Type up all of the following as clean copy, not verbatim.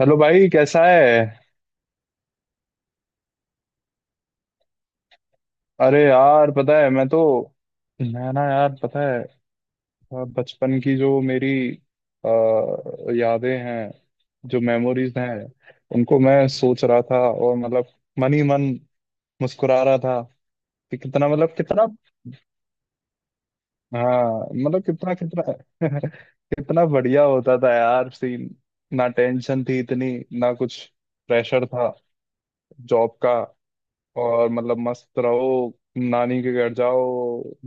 Hello भाई, कैसा है। अरे यार, पता है, मैं ना यार, पता है, बचपन की जो मेरी यादें हैं, जो मेमोरीज हैं, उनको मैं सोच रहा था और मतलब मन ही मन मुस्कुरा रहा था। कि कितना, मतलब कितना, हाँ मतलब कितना कितना कितना बढ़िया होता था यार सीन। ना टेंशन थी इतनी, ना कुछ प्रेशर था जॉब का। और मतलब मस्त रहो, नानी के घर जाओ,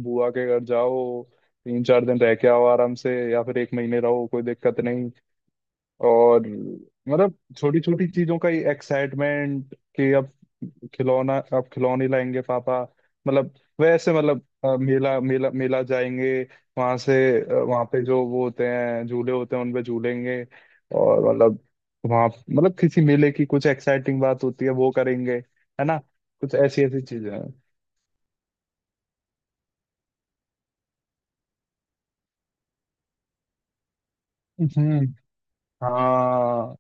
बुआ के घर जाओ, तीन चार दिन रह के आओ आराम से, या फिर एक महीने रहो, कोई दिक्कत नहीं। और मतलब छोटी छोटी चीजों का ही एक्साइटमेंट, कि अब खिलौना, आप खिलौने लाएंगे पापा, मतलब। वैसे मतलब मेला मेला मेला जाएंगे, वहां से, वहां पे जो वो होते हैं, झूले होते हैं उनपे झूलेंगे, और मतलब वहां, मतलब किसी मेले की कुछ एक्साइटिंग बात होती है, वो करेंगे, है ना। कुछ ऐसी ऐसी चीजें हैं। हम्म। हाँ।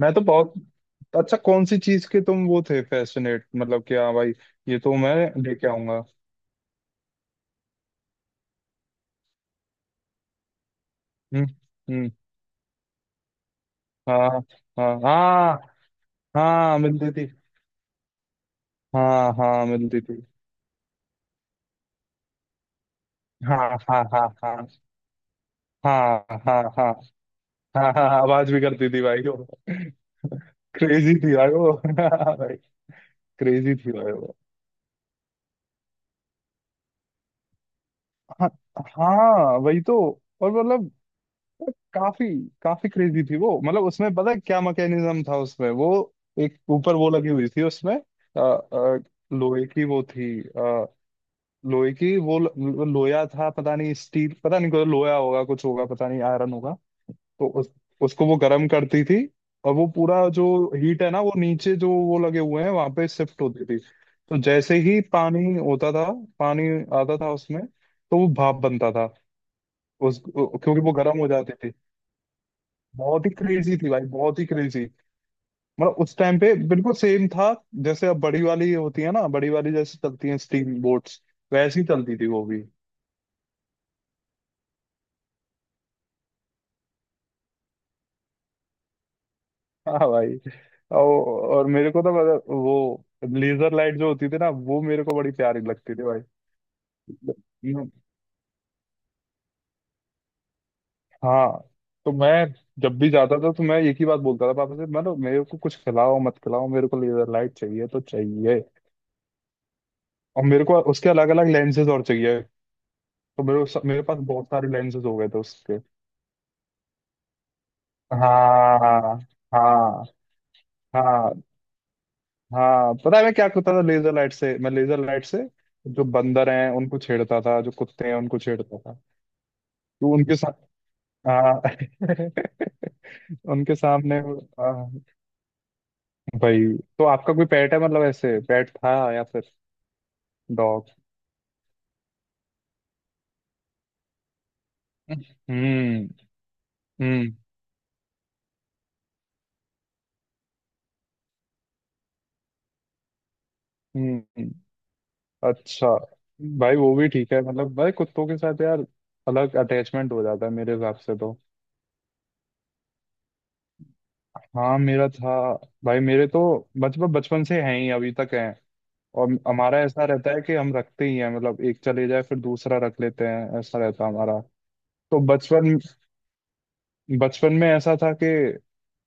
मैं तो बहुत अच्छा, कौन सी चीज के तुम वो थे फैसिनेट, मतलब कि हाँ भाई, ये तो मैं लेके आऊंगा। हम्म। हम्म। हाँ, हाँ, हाँ, हाँ, मिलती थी। हाँ, हाँ, मिलती थी। हाँ, हाँ, हाँ, हाँ, हाँ, हाँ, हाँ, हाँ, हाँ, हाँ, आवाज भी करती थी भाई वो। क्रेजी थी भाई वो भाई, क्रेजी थी भाई वो। हाँ, हाँ, वही तो। और मतलब काफी काफी क्रेजी थी वो, मतलब उसमें पता है क्या मैकेनिज्म था, उसमें वो एक ऊपर वो लगी हुई थी उसमें, लोहे की वो थी अ, लोहे की वो लोया था, पता नहीं, स्टील, पता नहीं, कोई लोया होगा कुछ होगा, पता नहीं आयरन होगा। तो उसको वो गर्म करती थी। और वो पूरा जो हीट है ना, वो नीचे जो वो लगे हुए हैं वहां पे शिफ्ट होती थी। तो जैसे ही पानी आता था उसमें, तो वो भाप बनता था, उस क्योंकि वो गर्म हो जाती थी। बहुत ही क्रेजी थी भाई, बहुत ही क्रेजी। मतलब उस टाइम पे बिल्कुल सेम था, जैसे अब बड़ी वाली होती है ना, बड़ी वाली जैसे चलती है स्टीम बोट्स, वैसी चलती थी वो भी। हाँ भाई। और, और मेरे को तो मतलब वो लेजर लाइट जो होती थी ना, वो मेरे को बड़ी प्यारी लगती थी भाई। हम्म। हाँ, तो मैं जब भी जाता था तो मैं एक ही बात बोलता था पापा से, मतलब मेरे को कुछ खिलाओ मत खिलाओ, मेरे को लेजर लाइट चाहिए तो चाहिए। और मेरे को उसके अलग अलग लेंसेज और चाहिए। तो मेरे पास बहुत सारे लेंसेज हो गए थे उसके। हाँ, हाँ, हाँ, हाँ, पता है मैं क्या करता था लेजर लाइट से? जो बंदर हैं उनको छेड़ता था, जो कुत्ते हैं उनको छेड़ता था। तो उनके साथ, हाँ, उनके सामने भाई। तो आपका कोई पेट है, मतलब ऐसे पेट था, या फिर डॉग? हम्म। हम्म। हम्म। अच्छा। भाई वो भी ठीक है, मतलब भाई कुत्तों के साथ यार अलग अटैचमेंट हो जाता है मेरे हिसाब से तो। हाँ, मेरा था भाई। मेरे तो बचपन बचपन से हैं ही, अभी तक हैं। और हमारा ऐसा रहता है कि हम रखते ही हैं, मतलब एक चले जाए फिर दूसरा रख लेते हैं, ऐसा रहता है हमारा। तो बचपन बचपन में ऐसा था कि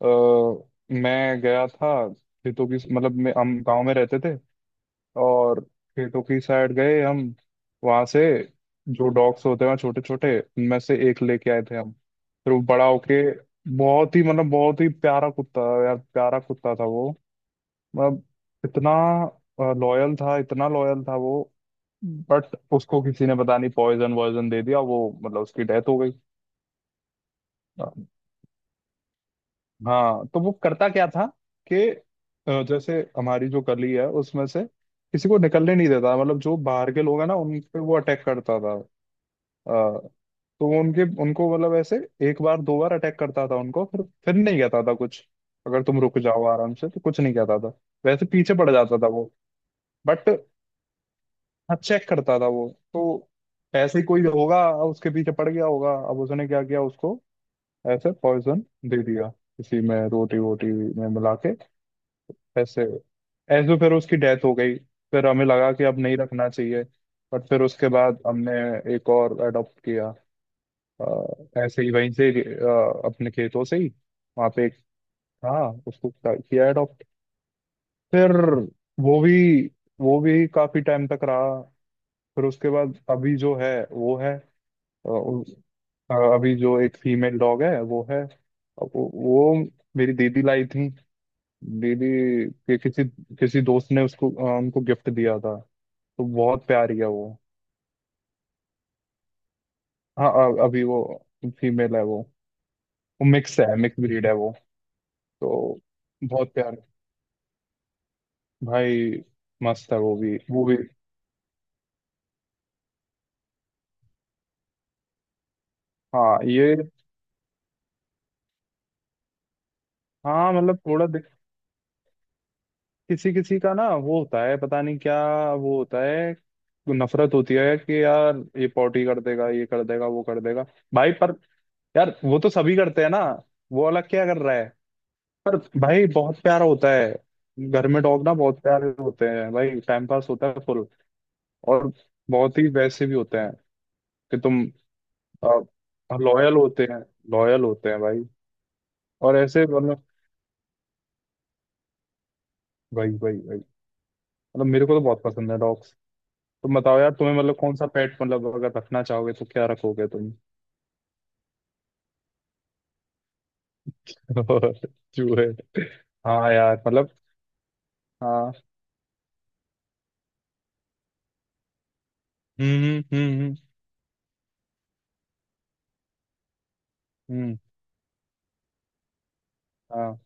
मैं गया था खेतों की, मतलब मैं हम गांव में रहते थे। और खेतों की साइड गए हम, वहां से जो डॉग्स होते हैं छोटे छोटे उनमें से एक लेके आए थे हम। फिर वो बड़ा होके बहुत ही प्यारा कुत्ता, यार प्यारा कुत्ता था वो। मतलब इतना लॉयल था, इतना लॉयल था वो। बट उसको किसी ने पता नहीं पॉइजन वॉइजन दे दिया, वो मतलब उसकी डेथ हो गई। हाँ। तो वो करता क्या था कि जैसे हमारी जो गली है उसमें से किसी को निकलने नहीं देता, मतलब जो बाहर के लोग हैं ना, उन पे वो अटैक करता था। अ, तो वो उनके उनको मतलब ऐसे एक बार दो बार अटैक करता था उनको, फिर नहीं कहता था कुछ। अगर तुम रुक जाओ आराम से तो कुछ नहीं कहता था, वैसे पीछे पड़ जाता था वो। बट हाँ, चेक करता था वो तो। ऐसे ही कोई होगा, उसके पीछे पड़ गया होगा, अब उसने क्या किया उसको ऐसे पॉइजन दे दिया किसी में, रोटी वोटी में मिला के, ऐसे ऐसे। तो फिर उसकी डेथ हो गई। फिर हमें लगा कि अब नहीं रखना चाहिए। बट फिर उसके बाद हमने एक और अडॉप्ट किया, ऐसे ही वहीं से, अपने खेतों से ही, वहाँ पे एक था, उसको किया अडॉप्ट। फिर वो भी वो भी काफी टाइम तक रहा। फिर उसके बाद अभी जो है वो है, उ- अभी जो एक फीमेल डॉग है वो है अब, वो मेरी दीदी लाई थी, दीदी के किसी किसी दोस्त ने उसको, उनको गिफ्ट दिया था, तो बहुत प्यारी है वो। हाँ, अभी वो फीमेल है वो मिक्स है, मिक्स ब्रीड है वो। तो बहुत प्यार भाई, मस्त है वो भी हाँ ये, हाँ मतलब थोड़ा किसी किसी का ना वो होता है, पता नहीं क्या, वो होता है नफरत होती है कि यार ये पॉटी कर देगा, ये कर देगा वो कर देगा। भाई पर यार वो तो सभी करते हैं ना, वो अलग क्या कर रहा है? पर भाई बहुत प्यारा होता है। घर में डॉग ना बहुत प्यारे होते हैं भाई, टाइम पास होता है फुल, और बहुत ही वैसे भी होते हैं। कि तुम लॉयल होते हैं, लॉयल होते हैं भाई। और ऐसे मतलब, भाई भाई भाई, मतलब मेरे को तो बहुत पसंद है डॉग्स। तुम बताओ यार, तुम्हें मतलब कौन सा पेट, मतलब अगर रखना चाहोगे तो क्या रखोगे तुम? और चूहे? हाँ यार मतलब, हाँ। हम्म। हम्म। हम्म। हम्म। हाँ।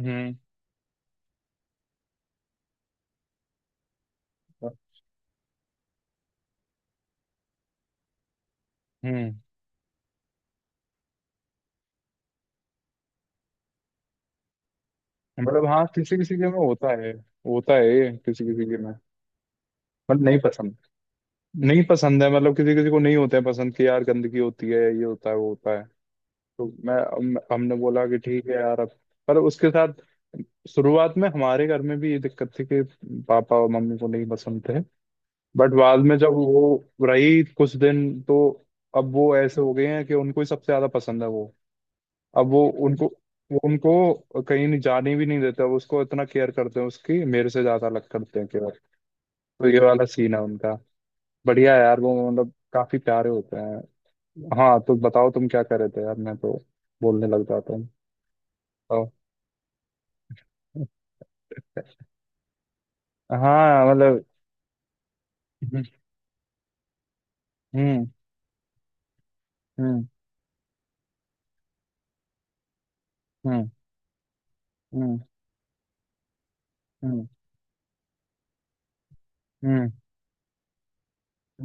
हम्म। हम्म। मतलब हाँ, किसी किसी के में होता है, होता है ये, किसी किसी के में। मतलब नहीं पसंद है, मतलब किसी किसी को नहीं होते हैं पसंद, कि यार गंदगी होती है, ये होता है वो होता है। तो हमने बोला कि ठीक है यार अब। पर उसके साथ शुरुआत में हमारे घर में भी ये दिक्कत थी कि पापा और मम्मी को नहीं पसंद थे। बट बाद में जब वो रही कुछ दिन तो अब वो ऐसे हो गए हैं कि उनको ही सबसे ज्यादा पसंद है वो। अब वो उनको कहीं नहीं जाने भी नहीं देते, वो उसको इतना केयर करते हैं, उसकी मेरे से ज्यादा अलग करते हैं केयर। तो ये वाला सीन है उनका। बढ़िया है यार, वो मतलब काफी प्यारे होते हैं। हाँ, तो बताओ तुम क्या कर रहे थे यार? मैं तो बोलने लग जाता हूँ, बताओ। हाँ मतलब। हम्म। हम्म। हम्म। हम्म। हम्म। हम्म।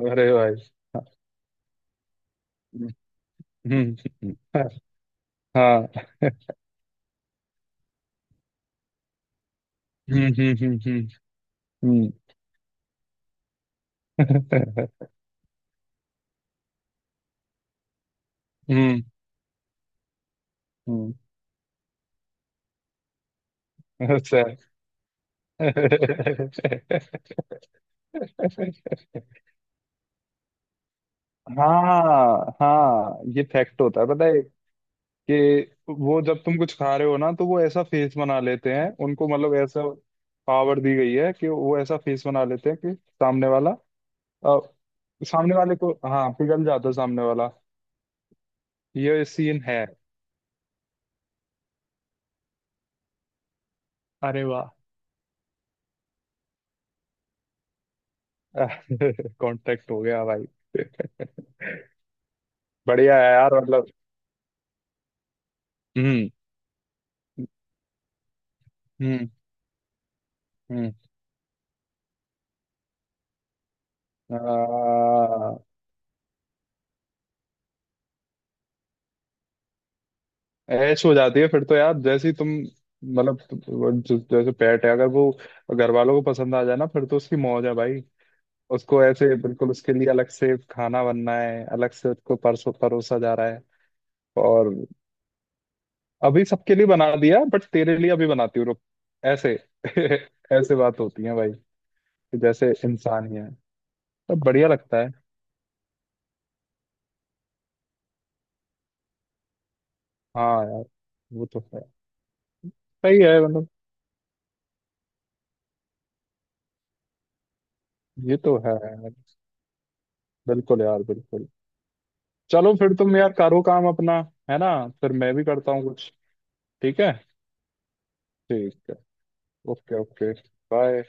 अरे भाई। हम्म। हम्म। हाँ। हम्म। हम्म। हम्म। हम्म। हम्म। हम्म। हम्म। अच्छा। हाँ, हाँ, ये फैक्ट होता है पता है, कि वो जब तुम कुछ खा रहे हो ना, तो वो ऐसा फेस बना लेते हैं उनको, मतलब ऐसा पावर दी गई है कि वो ऐसा फेस बना लेते हैं कि सामने वाला, अ, सामने वाले को, हाँ पिघल जाता है सामने वाला, ये सीन है। अरे वाह! कांटेक्ट हो गया भाई। बढ़िया है यार मतलब। हम्म। हम्म। हम्म। आ, ऐश हो जाती है फिर तो यार, जैसे ही तुम, मतलब जैसे पेट है अगर वो घर वालों को पसंद आ जाए ना, फिर तो उसकी मौज है भाई। उसको ऐसे बिल्कुल, उसके लिए अलग से खाना बनना है, अलग से उसको परसों परोसा जा रहा है। और अभी सबके लिए बना दिया, बट तेरे लिए अभी बनाती हूँ रुक, ऐसे ऐसे बात होती है भाई, कि जैसे इंसान ही है, तो बढ़िया लगता है। हाँ यार वो तो है, सही है मतलब। ये तो है यार, बिल्कुल यार, बिल्कुल। चलो फिर, तुम यार करो काम अपना, है ना। फिर मैं भी करता हूँ कुछ। ठीक है। ठीक है। Okay, okay. बाय।